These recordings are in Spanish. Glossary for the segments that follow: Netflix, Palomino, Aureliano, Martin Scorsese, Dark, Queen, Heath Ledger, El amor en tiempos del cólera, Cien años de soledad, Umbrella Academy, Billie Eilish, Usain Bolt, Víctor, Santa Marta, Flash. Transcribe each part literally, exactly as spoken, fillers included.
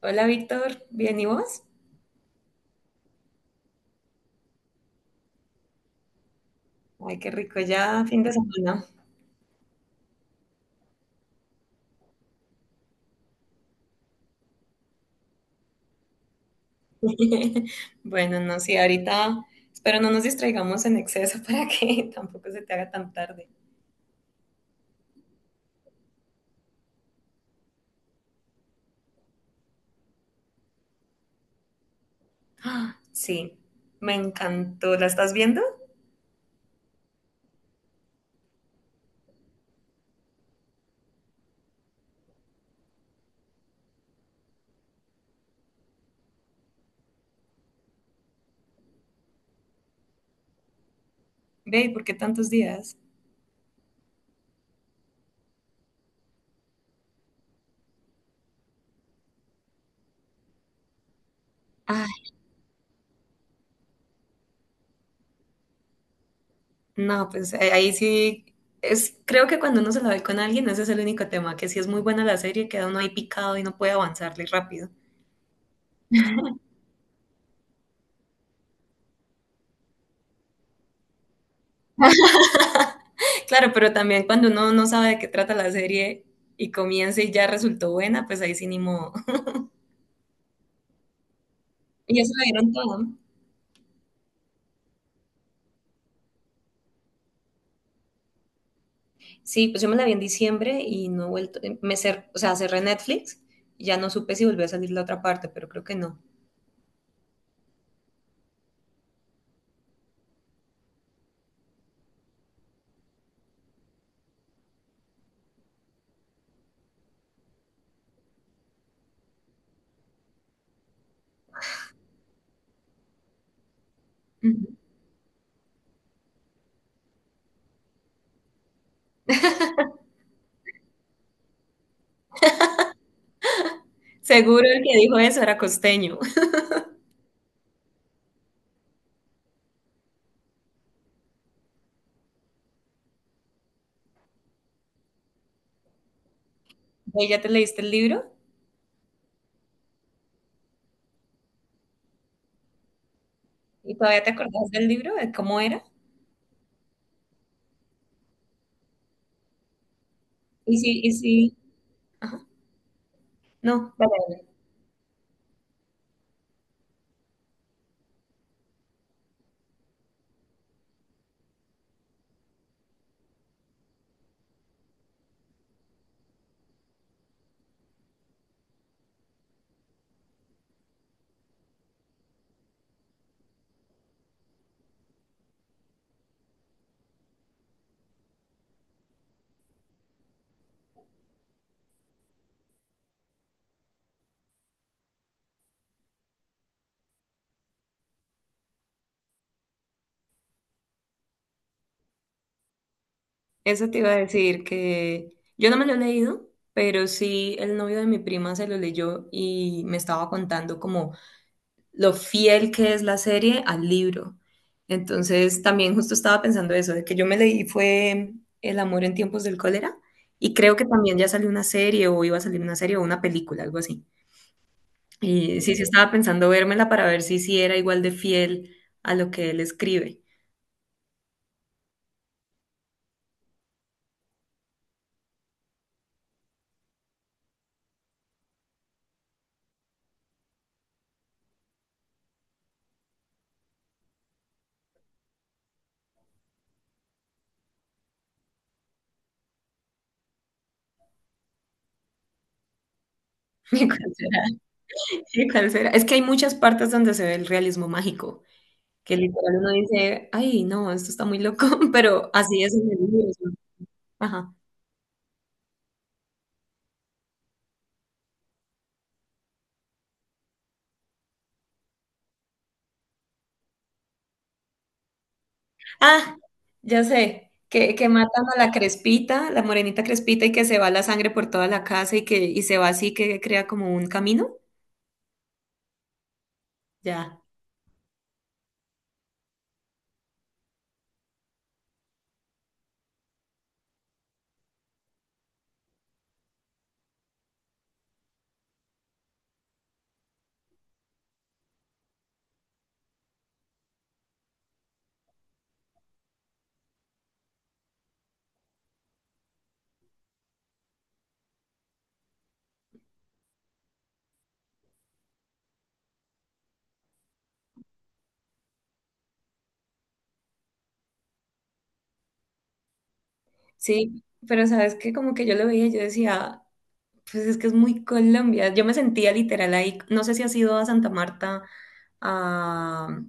Hola Víctor, ¿bien y vos? Ay, qué rico, ya fin de semana. Bueno, no, sí, ahorita espero no nos distraigamos en exceso para que tampoco se te haga tan tarde. Ah, sí, me encantó. ¿La estás viendo? Ve, ¿y ¿por qué tantos días? Ay, no, pues eh, ahí sí, es, creo que cuando uno se la ve con alguien, ese es el único tema, que si es muy buena la serie, queda uno ahí picado y no puede avanzarle rápido. Claro, pero también cuando uno no sabe de qué trata la serie y comienza y ya resultó buena, pues ahí sí ni modo. Y ya se la dieron toda. Sí, pues yo me la vi en diciembre y no he vuelto, eh, me cer- o sea, cerré Netflix y ya no supe si volvió a salir la otra parte, pero creo que no. Ujú. Seguro el que dijo eso era costeño. ¿Vos ya te leíste el libro? ¿Y todavía te acordás del libro? ¿De cómo era? Y sí, y sí, no, vale, vale. Eso te iba a decir que yo no me lo he leído, pero sí el novio de mi prima se lo leyó y me estaba contando como lo fiel que es la serie al libro. Entonces, también justo estaba pensando eso, de que yo me leí fue El amor en tiempos del cólera y creo que también ya salió una serie o iba a salir una serie o una película, algo así. Y sí, sí estaba pensando vérmela para ver si sí era igual de fiel a lo que él escribe. ¿Y cuál será? ¿Y cuál será? Es que hay muchas partes donde se ve el realismo mágico, que literal uno dice, ay, no, esto está muy loco, pero así es en el libro, ¿no? Ajá. Ah, ya sé, que, que matan a la Crespita, la morenita Crespita, y que se va la sangre por toda la casa y que y se va así que crea como un camino. Ya. Sí, pero sabes que como que yo lo veía, y yo decía, pues es que es muy Colombia. Yo me sentía literal ahí. ¿No sé si has ido a Santa Marta, a,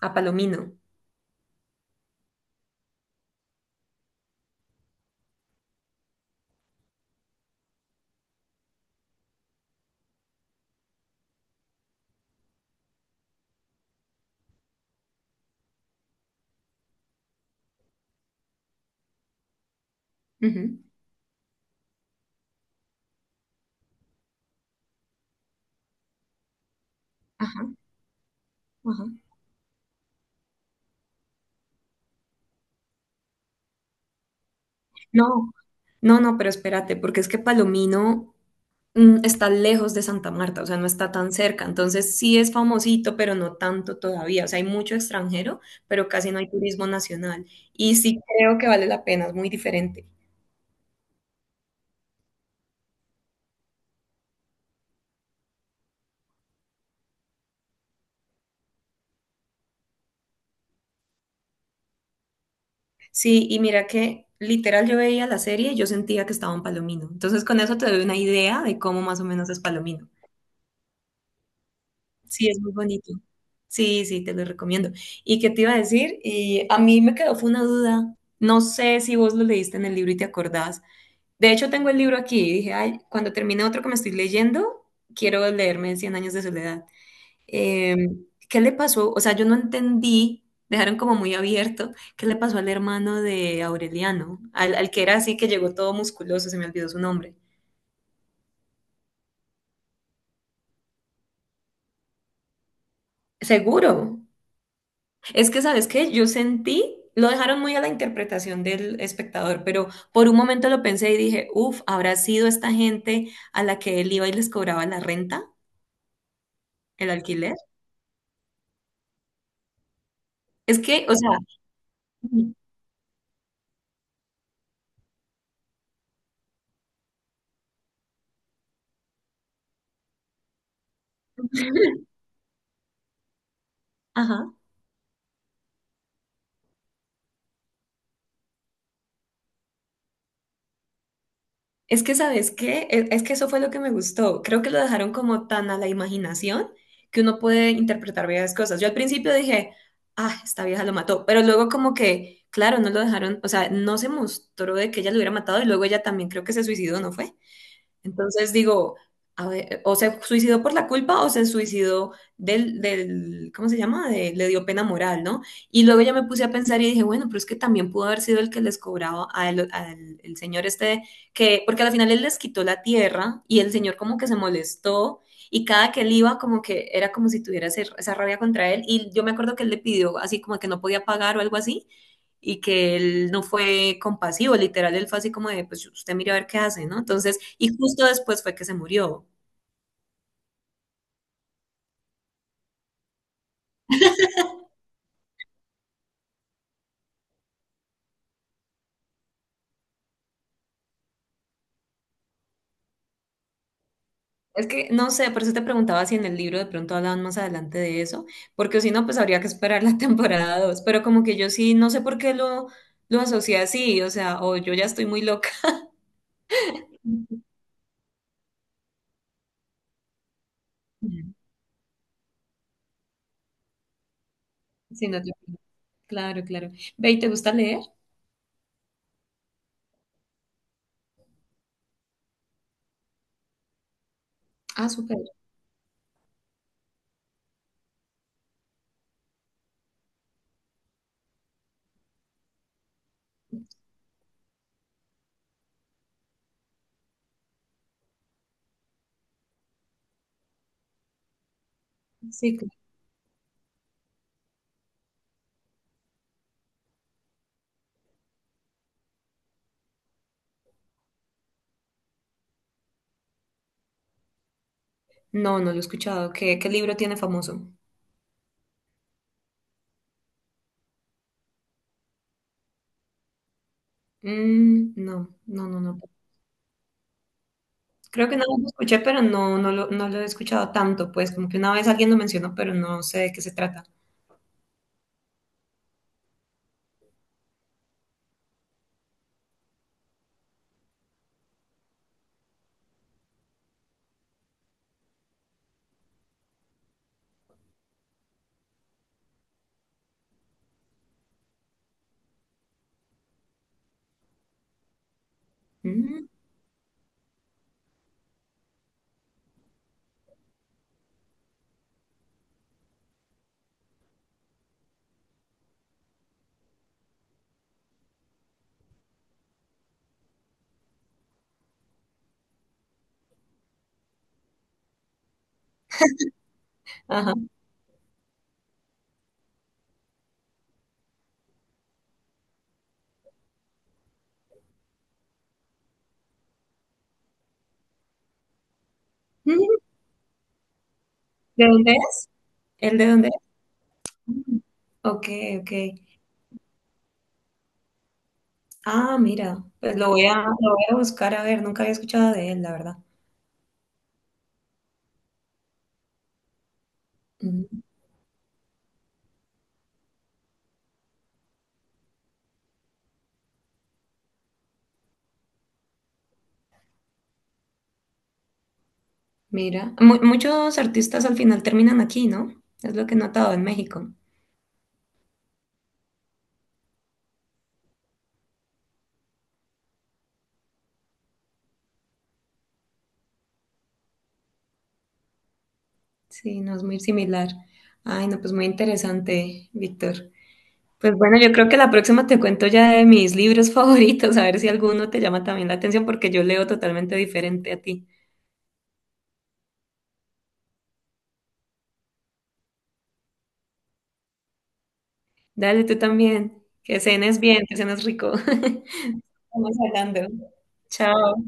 a Palomino? Ujú. Ajá, ajá. No, no, no, pero espérate, porque es que Palomino, mm, está lejos de Santa Marta, o sea, no está tan cerca. Entonces sí es famosito, pero no tanto todavía. O sea, hay mucho extranjero, pero casi no hay turismo nacional. Y sí creo que vale la pena, es muy diferente. Sí, y mira que literal yo veía la serie y yo sentía que estaba en Palomino. Entonces con eso te doy una idea de cómo más o menos es Palomino. Sí, es muy bonito. Sí, sí, te lo recomiendo. ¿Y qué te iba a decir? Y a mí me quedó fue una duda. No sé si vos lo leíste en el libro y te acordás. De hecho, tengo el libro aquí y dije, ay, cuando termine otro que me estoy leyendo, quiero leerme Cien años de soledad. Eh, ¿qué le pasó? O sea, yo no entendí, dejaron como muy abierto, ¿qué le pasó al hermano de Aureliano? Al, al que era así, que llegó todo musculoso, se me olvidó su nombre. Seguro. Es que, ¿sabes qué? Yo sentí, lo dejaron muy a la interpretación del espectador, pero por un momento lo pensé y dije, uff, ¿habrá sido esta gente a la que él iba y les cobraba la renta, el alquiler? Es que, o sea... Ajá. Es que, ¿sabes qué? Es es que eso fue lo que me gustó. Creo que lo dejaron como tan a la imaginación que uno puede interpretar varias cosas. Yo al principio dije, ah, esta vieja lo mató, pero luego como que, claro, no lo dejaron, o sea, no se mostró de que ella lo hubiera matado y luego ella también creo que se suicidó, ¿no fue? Entonces digo, a ver, o se suicidó por la culpa o se suicidó del, del, ¿cómo se llama? De- le dio pena moral, ¿no? Y luego ya me puse a pensar y dije, bueno, pero es que también pudo haber sido el que les cobraba al, al el señor este, que, porque al final él les quitó la tierra y el señor como que se molestó. Y cada que él iba, como que era como si tuviera ese- esa rabia contra él. Y yo me acuerdo que él le pidió así como que no podía pagar o algo así y que él no fue compasivo, literal, él fue así como de, pues usted mire a ver qué hace, ¿no? Entonces, y justo después fue que se murió. Es que no sé, por eso te preguntaba si en el libro de pronto hablaban más adelante de eso, porque si no, pues habría que esperar la temporada dos, pero como que yo sí, no sé por qué lo, lo asocié así, o sea, o yo ya estoy muy loca. Ujú. Sí, no te- Claro, claro. Ve, ¿y te gusta leer? Ah, súper. Sí, claro. No, no lo he escuchado. ¿Qué, qué libro tiene famoso? Mm, no, no, no, no. Creo que no lo escuché, pero no, no lo, no lo he escuchado tanto, pues como que una vez alguien lo mencionó, pero no sé de qué se trata. Mm. Ajá. Mm. ¿De dónde es? ¿El de dónde es? Mm. Ok, ok. Ah, mira, pues lo voy a, lo voy a buscar a ver, nunca había escuchado de él, la verdad. Mm. Mira, Mu- muchos artistas al final terminan aquí, ¿no? Es lo que he notado en México. Sí, no es muy similar. Ay, no, pues muy interesante, Víctor. Pues bueno, yo creo que la próxima te cuento ya de mis libros favoritos, a ver si alguno te llama también la atención, porque yo leo totalmente diferente a ti. Dale tú también, que cenes bien, que cenes rico. Vamos hablando. Chao.